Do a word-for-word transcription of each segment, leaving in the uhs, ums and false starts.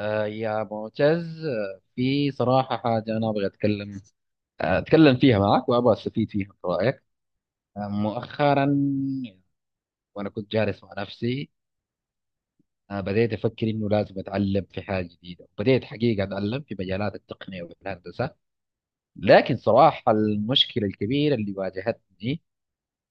آه، يا معتز، آه، في صراحة حاجة أنا أبغى أتكلم، آه، أتكلم فيها معك وأبغى أستفيد فيها من رأيك. آه، مؤخرا وأنا كنت جالس مع نفسي، آه، بديت أفكر إنه لازم أتعلم في حاجة جديدة. بديت حقيقة أتعلم في مجالات التقنية والهندسة، لكن صراحة المشكلة الكبيرة اللي واجهتني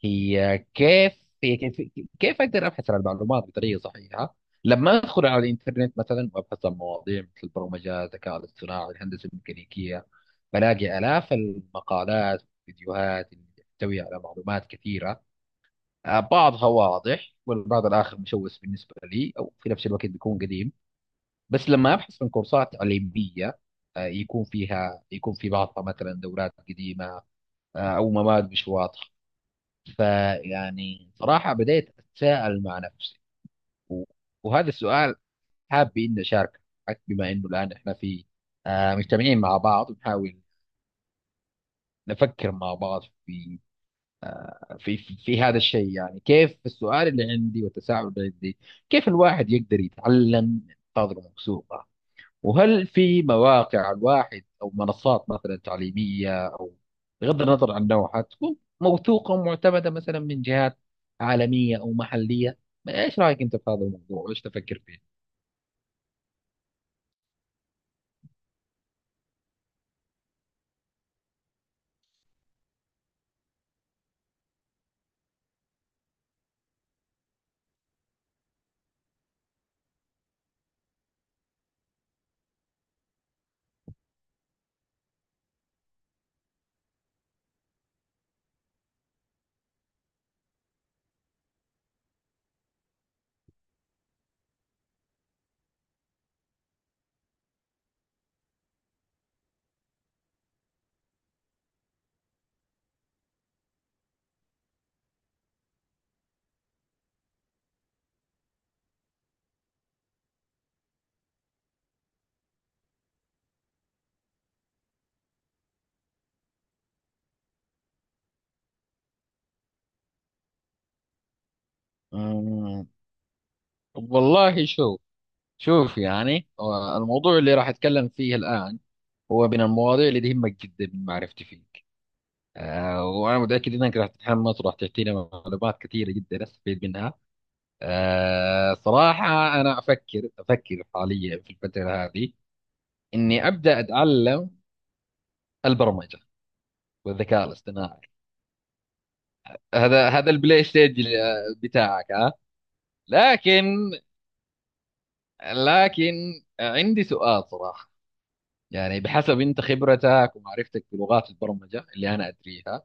هي كيف هي كيف كيف اقدر ابحث عن المعلومات بطريقه صحيحه؟ لما ادخل على الانترنت مثلا وابحث عن مواضيع مثل البرمجه، الذكاء الاصطناعي، الهندسه الميكانيكيه، بلاقي الاف المقالات والفيديوهات اللي تحتوي على معلومات كثيره. آه، بعضها واضح والبعض الاخر مشوش بالنسبه لي، او في نفس الوقت بيكون قديم. بس لما ابحث عن كورسات تعليميه، آه، يكون فيها يكون في بعضها مثلا دورات قديمه، آه، او مواد مش واضحه. فيعني صراحة بديت أتساءل مع نفسي، و- وهذا السؤال حابب إني أشاركك، بما إنه الآن إحنا في آه، مجتمعين مع بعض ونحاول نفكر مع بعض في، آه، في في في هذا الشيء. يعني كيف السؤال اللي عندي والتساؤل اللي عندي كيف الواحد يقدر يتعلم من تجربة مكسورة؟ وهل في مواقع الواحد أو منصات مثلا تعليمية، أو بغض النظر عن نوعها، تكون موثوقة ومعتمدة مثلا من جهات عالمية أو محلية؟ إيش رأيك أنت في هذا الموضوع وإيش تفكر فيه؟ أمم، والله شوف شوف، يعني آه، الموضوع اللي راح أتكلم فيه الآن هو من المواضيع اللي تهمك جدا من معرفتي فيك. آه، وأنا متأكد أنك راح تتحمس وراح تعطينا معلومات كثيرة جدا أستفيد منها. آه صراحة أنا أفكر أفكر حاليا في الفترة هذه إني أبدأ أتعلم البرمجة والذكاء الاصطناعي. هذا هذا البلاي ستيج ال- بتاعك، ها؟ لكن لكن عندي سؤال صراحة، يعني بحسب أنت خبرتك ومعرفتك بلغات البرمجة اللي أنا أدريها،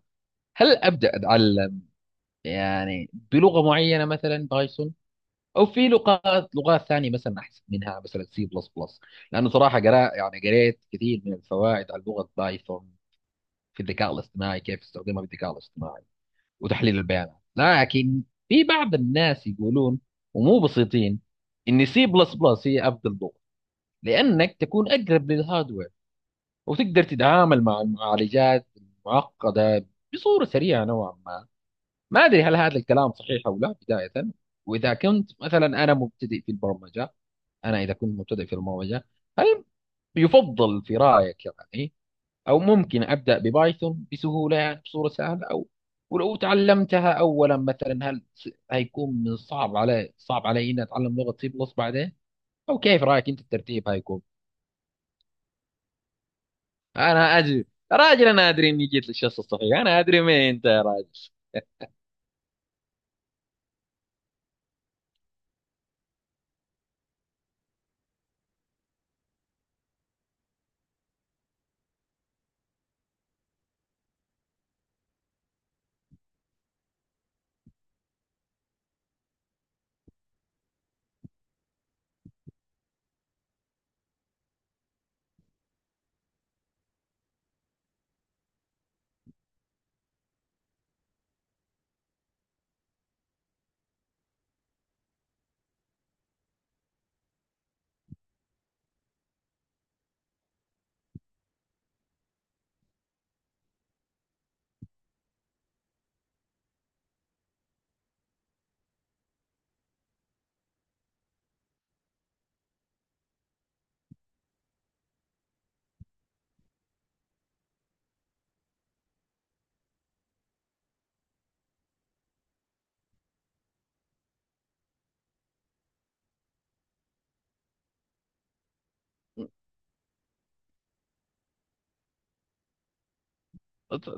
هل أبدأ أتعلم يعني بلغة معينة مثلا بايثون، او في لغات لغات ثانيه مثلا احسن منها مثلا سي بلس بلس؟ لانه صراحه قرا يعني قريت كثير من الفوائد على لغه بايثون في الذكاء الاصطناعي، كيف استخدمها في الذكاء الاصطناعي وتحليل البيانات. لكن في بعض الناس يقولون، ومو بسيطين، ان سي بلس بلس هي افضل لغه لانك تكون اقرب للهاردوير وتقدر تتعامل مع المعالجات المعقده بصوره سريعه نوعا ما. ما ادري هل هذا الكلام صحيح او لا بدايه. واذا كنت مثلا انا مبتدئ في البرمجه، أنا إذا كنت مبتدئ في المبرمجة، هل يفضل في رأيك يعني، أو ممكن أبدأ ببايثون بسهولة يعني بصورة سهلة؟ أو ولو تعلمتها أولا مثلا، هل س- هيكون من صعب علي صعب علي إني أتعلم لغة سي بلس بعدين؟ أو كيف رأيك أنت الترتيب هيكون؟ أنا أدري، راجل أنا أدري إني جيت للشخص الصحيح، أنا أدري مين أنت يا راجل.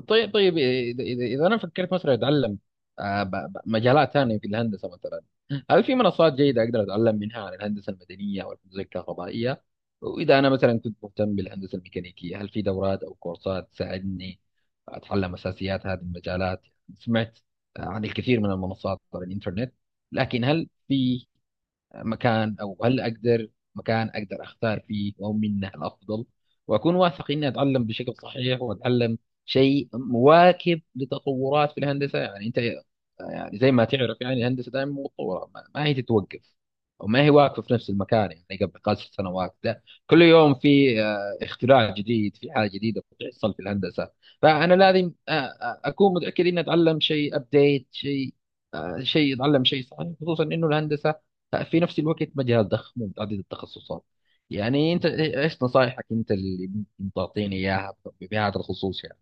طيب طيب، اذا اذا إذا انا فكرت مثلا اتعلم آه، ب- ب- مجالات ثانيه في الهندسه مثلا، هل في منصات جيده اقدر اتعلم منها عن الهندسه المدنيه او الهندسه الكهربائيه؟ واذا انا مثلا كنت مهتم بالهندسه الميكانيكيه، هل في دورات او كورسات تساعدني اتعلم اساسيات هذه المجالات؟ سمعت عن الكثير من المنصات على الانترنت، لكن هل في مكان، أو هل أقدر مكان أقدر أختار فيه وهو منه الأفضل وأكون واثق إني أتعلم بشكل صحيح، وأتعلم شيء مواكب لتطورات في الهندسة؟ يعني أنت يعني زي ما تعرف، يعني الهندسة دائما متطورة، ما ما هي تتوقف أو ما هي واقفة في نفس المكان. يعني قبل خمس سنوات ده كل يوم في آه، اختراع جديد، في حاجة جديدة بتحصل في الهندسة. فأنا لازم آه، آه، أكون متأكد إني أتعلم شيء أبديت شيء، آه، شيء اتعلم شيء صحيح، خصوصا انه الهندسه في نفس الوقت مجال ضخم ومتعدد التخصصات. يعني انت ايش نصايحك انت اللي ممكن تعطيني اياها بهذا الخصوص يعني؟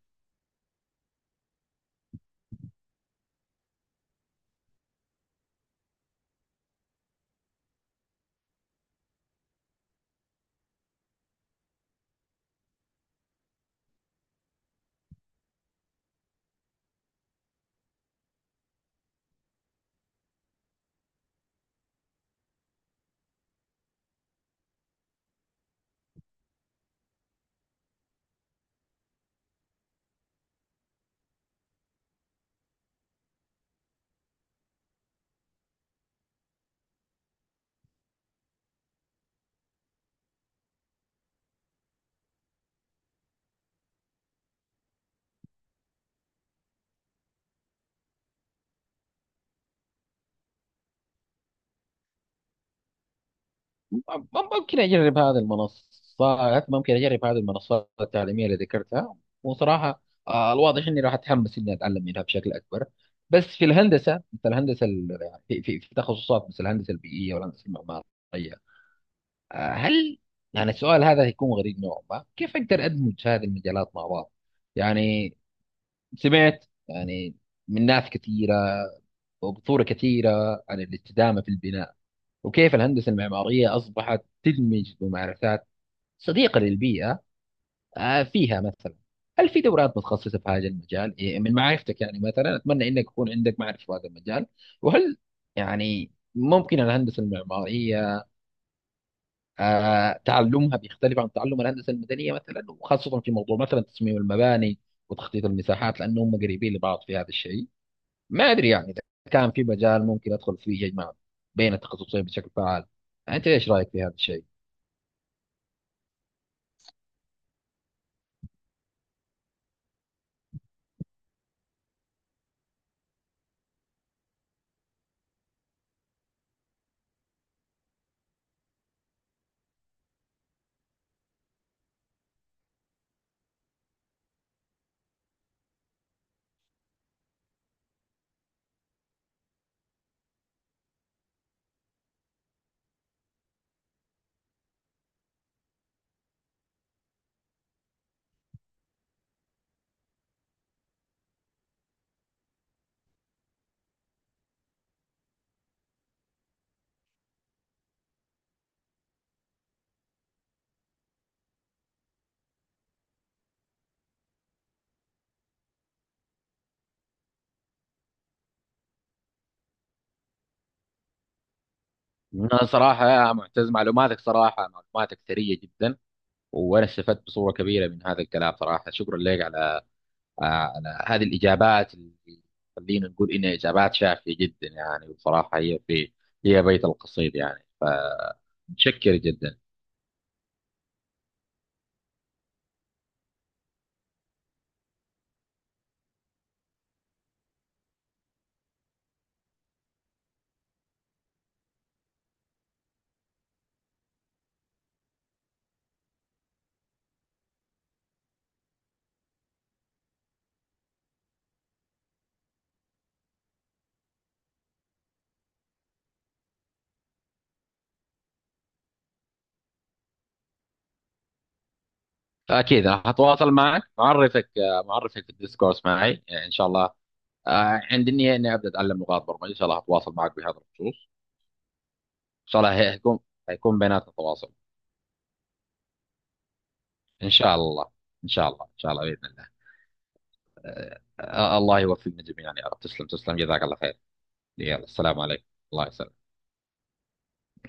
م- ممكن اجرب هذه المنصات، ممكن اجرب هذه المنصات التعليميه اللي ذكرتها. وصراحه آه، الواضح اني راح اتحمس اني اتعلم منها بشكل اكبر. بس في الهندسه مثل الهندسه ال- يعني في في في تخصصات مثل الهندسه البيئيه والهندسه المعماريه، آه، هل يعني، السؤال هذا هيكون غريب نوعا ما، كيف اقدر ادمج هذه المجالات مع بعض يعني؟ سمعت يعني من ناس كثيرة وبصورة كثيرة عن الاستدامة في البناء وكيف الهندسة المعمارية أصبحت تدمج ممارسات صديقة للبيئة آه، فيها مثلا. هل في دورات متخصصة في هذا المجال إيه، من معرفتك يعني؟ مثلا أتمنى إنك يكون عندك معرفة في هذا المجال. وهل يعني ممكن الهندسة المعمارية آه، تعلمها بيختلف عن تعلم الهندسة المدنية مثلا، وخاصة في موضوع مثلا تصميم المباني وتخطيط المساحات، لأنهم قريبين لبعض في هذا الشيء؟ ما ادري يعني اذا كان في مجال ممكن ادخل فيه يجمع بين التخصصين بشكل فعال. انت ايش رايك في هذا الشيء؟ انا صراحه يا معتز، معلوماتك صراحه معلوماتك ثريه جدا، وانا استفدت بصوره كبيره من هذا الكلام. صراحه شكرا لك على على هذه الاجابات اللي خلينا نقول انها اجابات شافيه جدا يعني. وصراحه هي في هي بيت القصيد يعني، فمتشكر جدا. اكيد راح اتواصل معك، معرفك معرفك في الديسكورس معي ان شاء الله. آه عندي النية إني أبدأ أتعلم لغات برمجة، إن شاء الله أتواصل معك بهذا الخصوص. إن شاء الله هيكون، هيكون بيناتنا تواصل. إن شاء الله إن شاء الله إن شاء الله بإذن الله. آه آه، الله يوفقنا جميعا يا رب. تسلم تسلم، جزاك الله خير. يلا، السلام عليكم. الله يسلمك.